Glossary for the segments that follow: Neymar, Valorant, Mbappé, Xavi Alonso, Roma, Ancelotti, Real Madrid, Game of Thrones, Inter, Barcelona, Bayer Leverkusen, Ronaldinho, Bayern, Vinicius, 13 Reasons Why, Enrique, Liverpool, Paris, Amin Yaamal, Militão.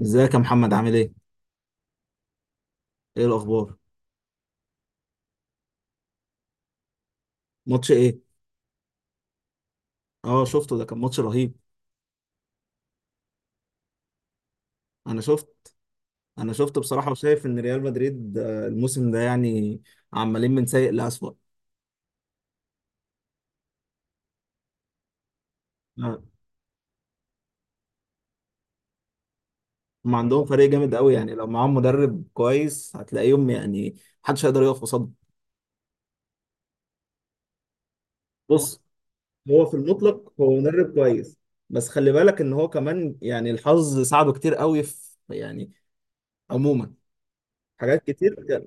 ازيك يا محمد؟ عامل ايه؟ ايه الاخبار؟ ماتش ايه؟ اه، شفته. ده كان ماتش رهيب. انا شفت انا شفت بصراحة، وشايف ان ريال مدريد الموسم ده يعني عمالين من سيء لأسوأ. آه، هم عندهم فريق جامد قوي، يعني لو معاهم مدرب كويس هتلاقيهم يعني محدش هيقدر يقف قصادهم. بص، هو في المطلق هو مدرب كويس، بس خلي بالك ان هو كمان يعني الحظ ساعده كتير قوي في، يعني، عموما، حاجات كتير كان.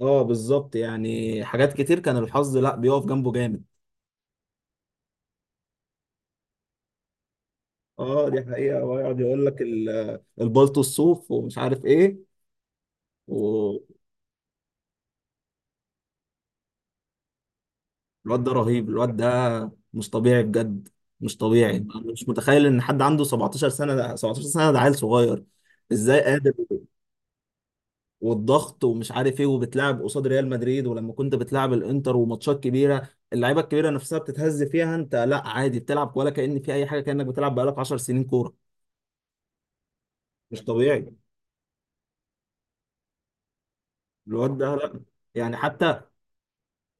اه بالظبط، يعني حاجات كتير كان الحظ لا بيقف جنبه جامد. اه دي حقيقة، ويقعد يقول لك البلطو الصوف ومش عارف ايه. والواد ده رهيب، الواد ده مش طبيعي بجد. مش طبيعي. أنا مش متخيل ان حد عنده 17 سنة، ده 17 سنة ده عيل صغير. ازاي قادر؟ والضغط ومش عارف ايه، وبتلعب قصاد ريال مدريد، ولما كنت بتلعب الانتر وماتشات كبيرة اللعيبة الكبيرة نفسها بتتهز فيها، انت لا عادي بتلعب ولا كأن في اي حاجة، كأنك بتلعب بقالك 10 سنين كورة. مش طبيعي الواد ده، لا. يعني حتى،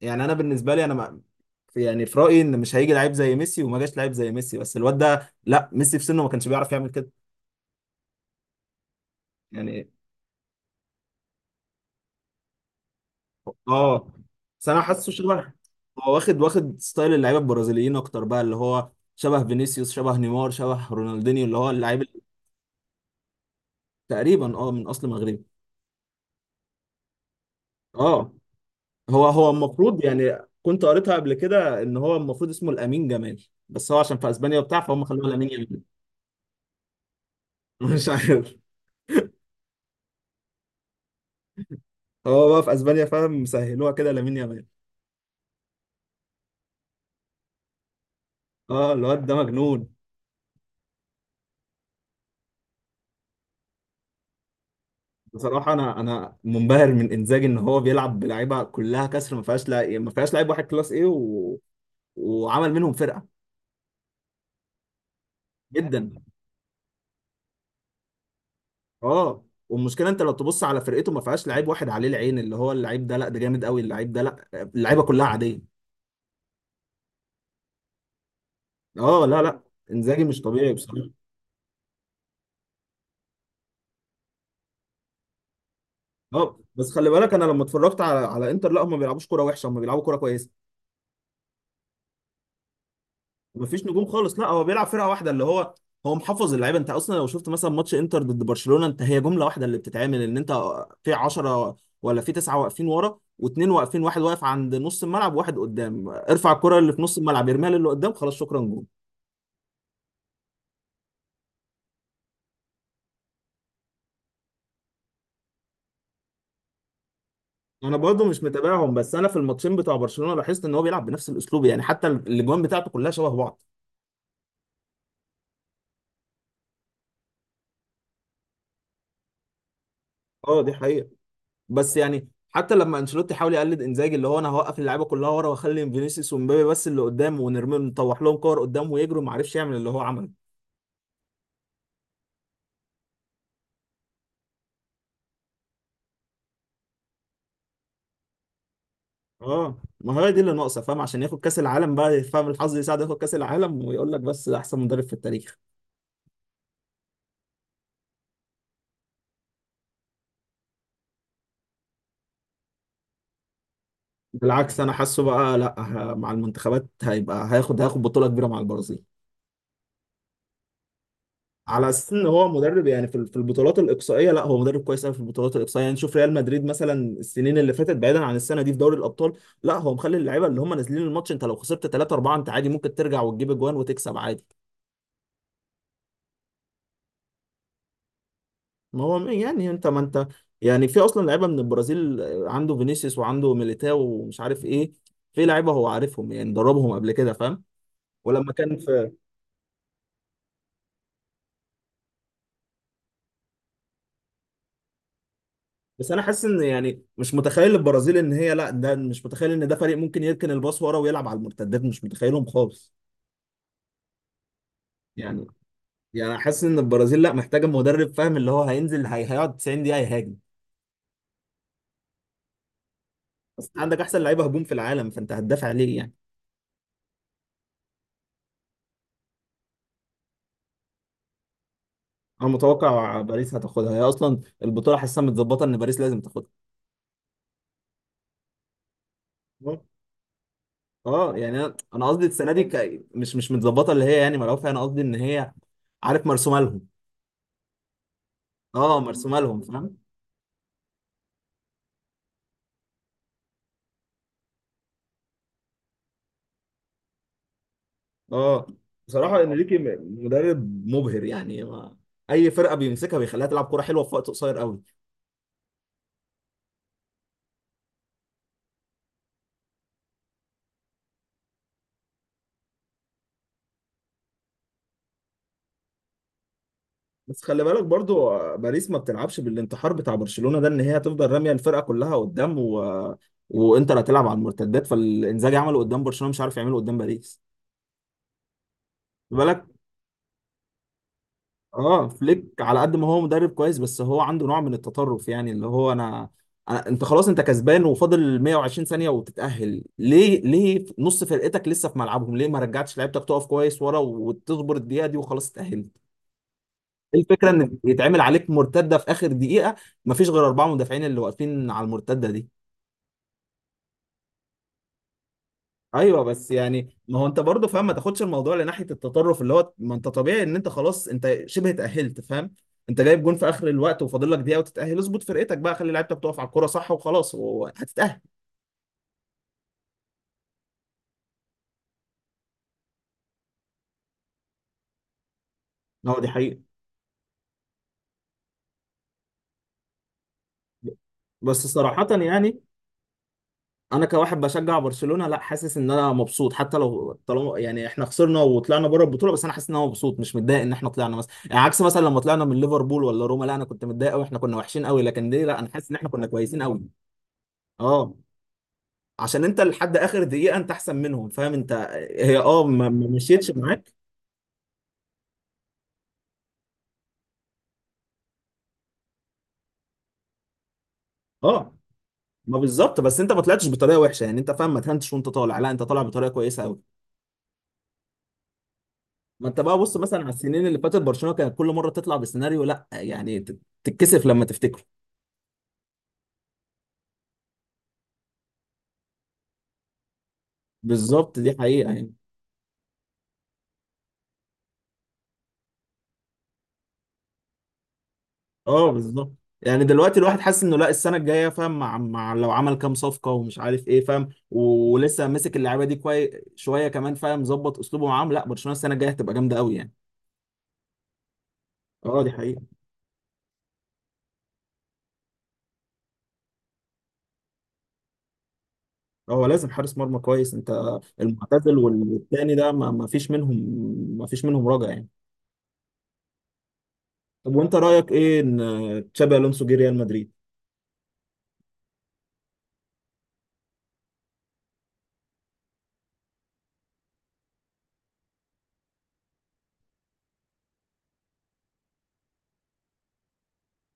يعني انا بالنسبه لي انا ما، يعني في رايي ان مش هيجي لعيب زي ميسي، وما جاش لعيب زي ميسي، بس الواد ده لا، ميسي في سنه ما كانش بيعرف يعمل كده يعني. اه بس انا حاسه شبه، هو واخد ستايل اللعيبه البرازيليين اكتر بقى، اللي هو شبه فينيسيوس، شبه نيمار، شبه رونالدينيو، اللي هو اللعيب اللي. تقريبا اه من اصل مغربي. اه هو المفروض يعني كنت قريتها قبل كده ان هو المفروض اسمه الامين جمال، بس هو عشان في اسبانيا وبتاع فهم خلوه لامين يامال. مش عارف. هو بقى في اسبانيا فاهم مسهلوها كده لامين يامال. اه الواد ده مجنون. بصراحه انا منبهر من انزاجي، ان هو بيلعب بلعيبه كلها كسر، ما فيهاش لا، ما فيهاش لعيب واحد كلاس ايه و... وعمل منهم فرقه. جدا. اه والمشكله انت لو تبص على فرقته ما فيهاش لعيب واحد عليه العين اللي هو اللعيب ده، لا ده جامد قوي اللعيب ده، لا اللعيبه كلها عاديه. اه لا لا، انزاجي مش طبيعي بصراحه. اه بس خلي بالك، انا لما اتفرجت على انتر لا هم ما بيلعبوش كوره وحشه، هم بيلعبوا كوره كويسه. ومفيش نجوم خالص، لا هو بيلعب فرقه واحده اللي هو، هو محفظ اللعيبه. انت اصلا لو شفت مثلا ماتش انتر ضد برشلونه، انت هي جمله واحده اللي بتتعمل ان انت في 10 ولا في 9 واقفين ورا، واثنين واقفين، واحد واقف عند نص الملعب وواحد قدام، ارفع الكره اللي في نص الملعب يرميها للي قدام، خلاص شكرا جول. انا برضو مش متابعهم، بس انا في الماتشين بتوع برشلونه لاحظت ان هو بيلعب بنفس الاسلوب، يعني حتى الاجوان بتاعته كلها شبه بعض. اه دي حقيقه. بس يعني حتى لما انشيلوتي حاول يقلد انزاجي اللي هو انا هوقف اللعيبه كلها ورا واخلي فينيسيوس ومبابي بس اللي قدام، ونرمي نطوح لهم كور قدام ويجروا، ما عرفش يعمل اللي هو عمله. اه ما هي دي اللي ناقصه فاهم، عشان ياخد كاس العالم بقى فاهم، الحظ يساعده ياخد كاس العالم ويقول لك بس ده احسن مدرب في التاريخ. بالعكس انا حاسه بقى لا، مع المنتخبات هيبقى هياخد بطوله كبيره مع البرازيل. على اساس ان هو مدرب يعني في البطولات الاقصائيه، لا هو مدرب كويس قوي في البطولات الاقصائيه. يعني شوف ريال مدريد مثلا، السنين اللي فاتت بعيدا عن السنه دي في دوري الابطال، لا هو مخلي اللعيبه اللي هم نازلين الماتش، انت لو خسرت 3 4 انت عادي ممكن ترجع وتجيب اجوان وتكسب عادي. ما هو يعني انت، ما انت يعني في اصلا لعيبه من البرازيل عنده فينيسيوس وعنده ميليتاو ومش عارف ايه، في لعيبه هو عارفهم يعني دربهم قبل كده فاهم. ولما كان في، بس انا حاسس ان يعني مش متخيل البرازيل ان هي لا، ده مش متخيل ان ده فريق ممكن يركن الباص ورا ويلعب على المرتدات، مش متخيلهم خالص يعني. يعني حاسس ان البرازيل لا محتاجه مدرب فاهم اللي هو هينزل هي هيقعد 90 دقيقه يهاجم. بس عندك احسن لعيبه هجوم في العالم، فانت هتدافع ليه يعني؟ انا متوقع باريس هتاخدها، هي اصلا البطوله حاسسها متظبطه ان باريس لازم تاخدها. اه يعني انا قصدي السنه دي ك... مش مش متظبطه اللي هي يعني ملعوبه فيها، انا قصدي ان هي، عارف، مرسومه لهم. اه مرسومه لهم فاهم. اه بصراحه انريكي مدرب مبهر يعني، ما اي فرقه بيمسكها بيخليها تلعب كوره حلوه في وقت قصير قوي. بس خلي بالك برضو باريس ما بتلعبش بالانتحار بتاع برشلونه ده، ان هي هتفضل راميه الفرقه كلها قدام و... وانتر هتلعب على المرتدات، فالانزاجي عمله قدام برشلونه مش عارف يعمله قدام باريس. بالك. اه فليك على قد ما هو مدرب كويس، بس هو عنده نوع من التطرف، يعني اللي هو أنا انت خلاص انت كسبان، وفاضل 120 ثانية وتتأهل، ليه ليه نص فرقتك لسه في ملعبهم؟ ليه ما رجعتش لعيبتك تقف كويس ورا وتصبر الدقيقة دي وخلاص اتأهلت. إيه الفكرة ان يتعمل عليك مرتدة في اخر دقيقة؟ مفيش غير اربعة مدافعين اللي واقفين على المرتدة دي. ايوه بس يعني ما هو انت برضه فاهم، ما تاخدش الموضوع لناحيه التطرف اللي هو، ما انت طبيعي ان انت خلاص انت شبه اتاهلت فاهم، انت جايب جون في اخر الوقت وفاضل لك دقيقه وتتاهل، اظبط فرقتك بقى، خلي لعيبتك تقف على الكوره صح وخلاص وهتتاهل. هو دي حقيقه، بس صراحه يعني، انا كواحد بشجع برشلونه لا حاسس ان انا مبسوط، حتى لو طالما يعني احنا خسرنا وطلعنا بره البطوله، بس انا حاسس ان انا مبسوط مش متضايق ان احنا طلعنا مثلا، يعني عكس مثلا لما طلعنا من ليفربول ولا روما لا انا كنت متضايق قوي، احنا كنا وحشين قوي، لكن دي لا انا حاسس ان احنا كنا كويسين قوي. اه، عشان انت لحد اخر دقيقه انت احسن منهم فاهم انت. هي اه ما مشيتش معاك. اه ما بالظبط، بس انت ما طلعتش بطريقه وحشه يعني انت فاهم، ما تهنتش وانت طالع لا، انت طالع بطريقه كويسه قوي. ما انت بقى بص مثلا على السنين اللي فاتت برشلونه كانت كل مره تطلع بسيناريو، لا يعني تتكسف لما تفتكره. بالظبط دي حقيقه يعني. اه بالظبط. يعني دلوقتي الواحد حاسس انه لا السنه الجايه فاهم مع لو عمل كام صفقه ومش عارف ايه فاهم، ولسه ماسك اللعيبه دي كويس شويه كمان فاهم، ظبط اسلوبه معاهم، لا برشلونه السنه الجايه هتبقى جامده قوي يعني. اه دي حقيقه. هو لازم حارس مرمى كويس، انت المعتزل والتاني ده ما فيش منهم، ما فيش منهم رجع يعني. طب وانت رايك ايه ان تشابي الونسو جه ريال مدريد؟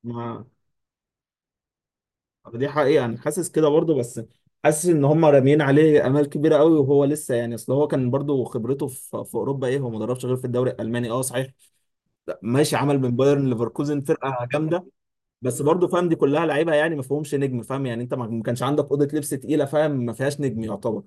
ما طب دي حقيقه انا حاسس كده برضه، بس حاسس ان هم راميين عليه امال كبيره قوي وهو لسه يعني، اصل هو كان برضه خبرته في اوروبا ايه، هو ما دربش غير في الدوري الالماني. اه صحيح ماشي، عمل من بايرن ليفركوزن فرقه جامده. بس برضه فاهم دي كلها لعيبه يعني ما فيهمش نجم فاهم، يعني انت ما كانش عندك اوضه لبس تقيله فاهم، ما فيهاش نجم يعتبر.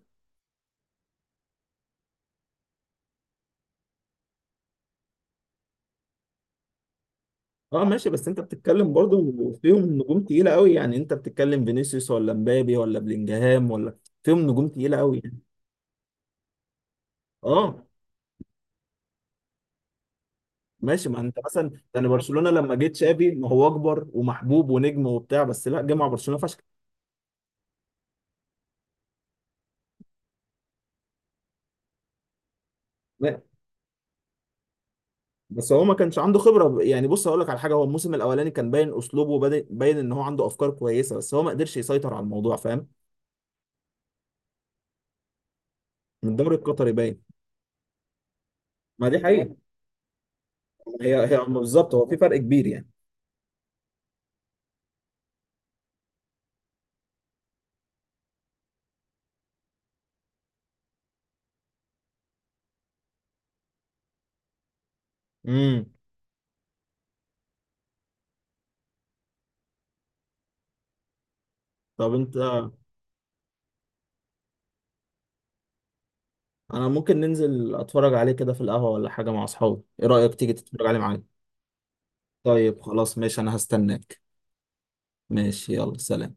اه ماشي، بس انت بتتكلم برضو فيهم نجوم تقيلة قوي يعني، انت بتتكلم فينيسيوس ولا مبابي ولا بلينجهام ولا، فيهم نجوم تقيلة قوي يعني. اه ماشي، ما انت مثلا يعني برشلونة لما جه تشافي ما هو اكبر ومحبوب ونجم وبتاع، بس لا جه مع برشلونة فشخ. لا، بس هو ما كانش عنده خبرة يعني، بص هقول لك على حاجة، هو الموسم الاولاني كان باين اسلوبه، وباين باين ان هو عنده افكار كويسة، بس هو ما قدرش يسيطر على الموضوع فاهم. من الدوري القطري باين. ما دي حقيقة. هي بالظبط، هو في فرق كبير يعني. امم. طب انت، انا ممكن ننزل اتفرج عليه كده في القهوة ولا حاجة مع اصحابي، ايه رأيك تيجي تتفرج عليه معايا؟ طيب خلاص ماشي، انا هستناك. ماشي، يلا سلام.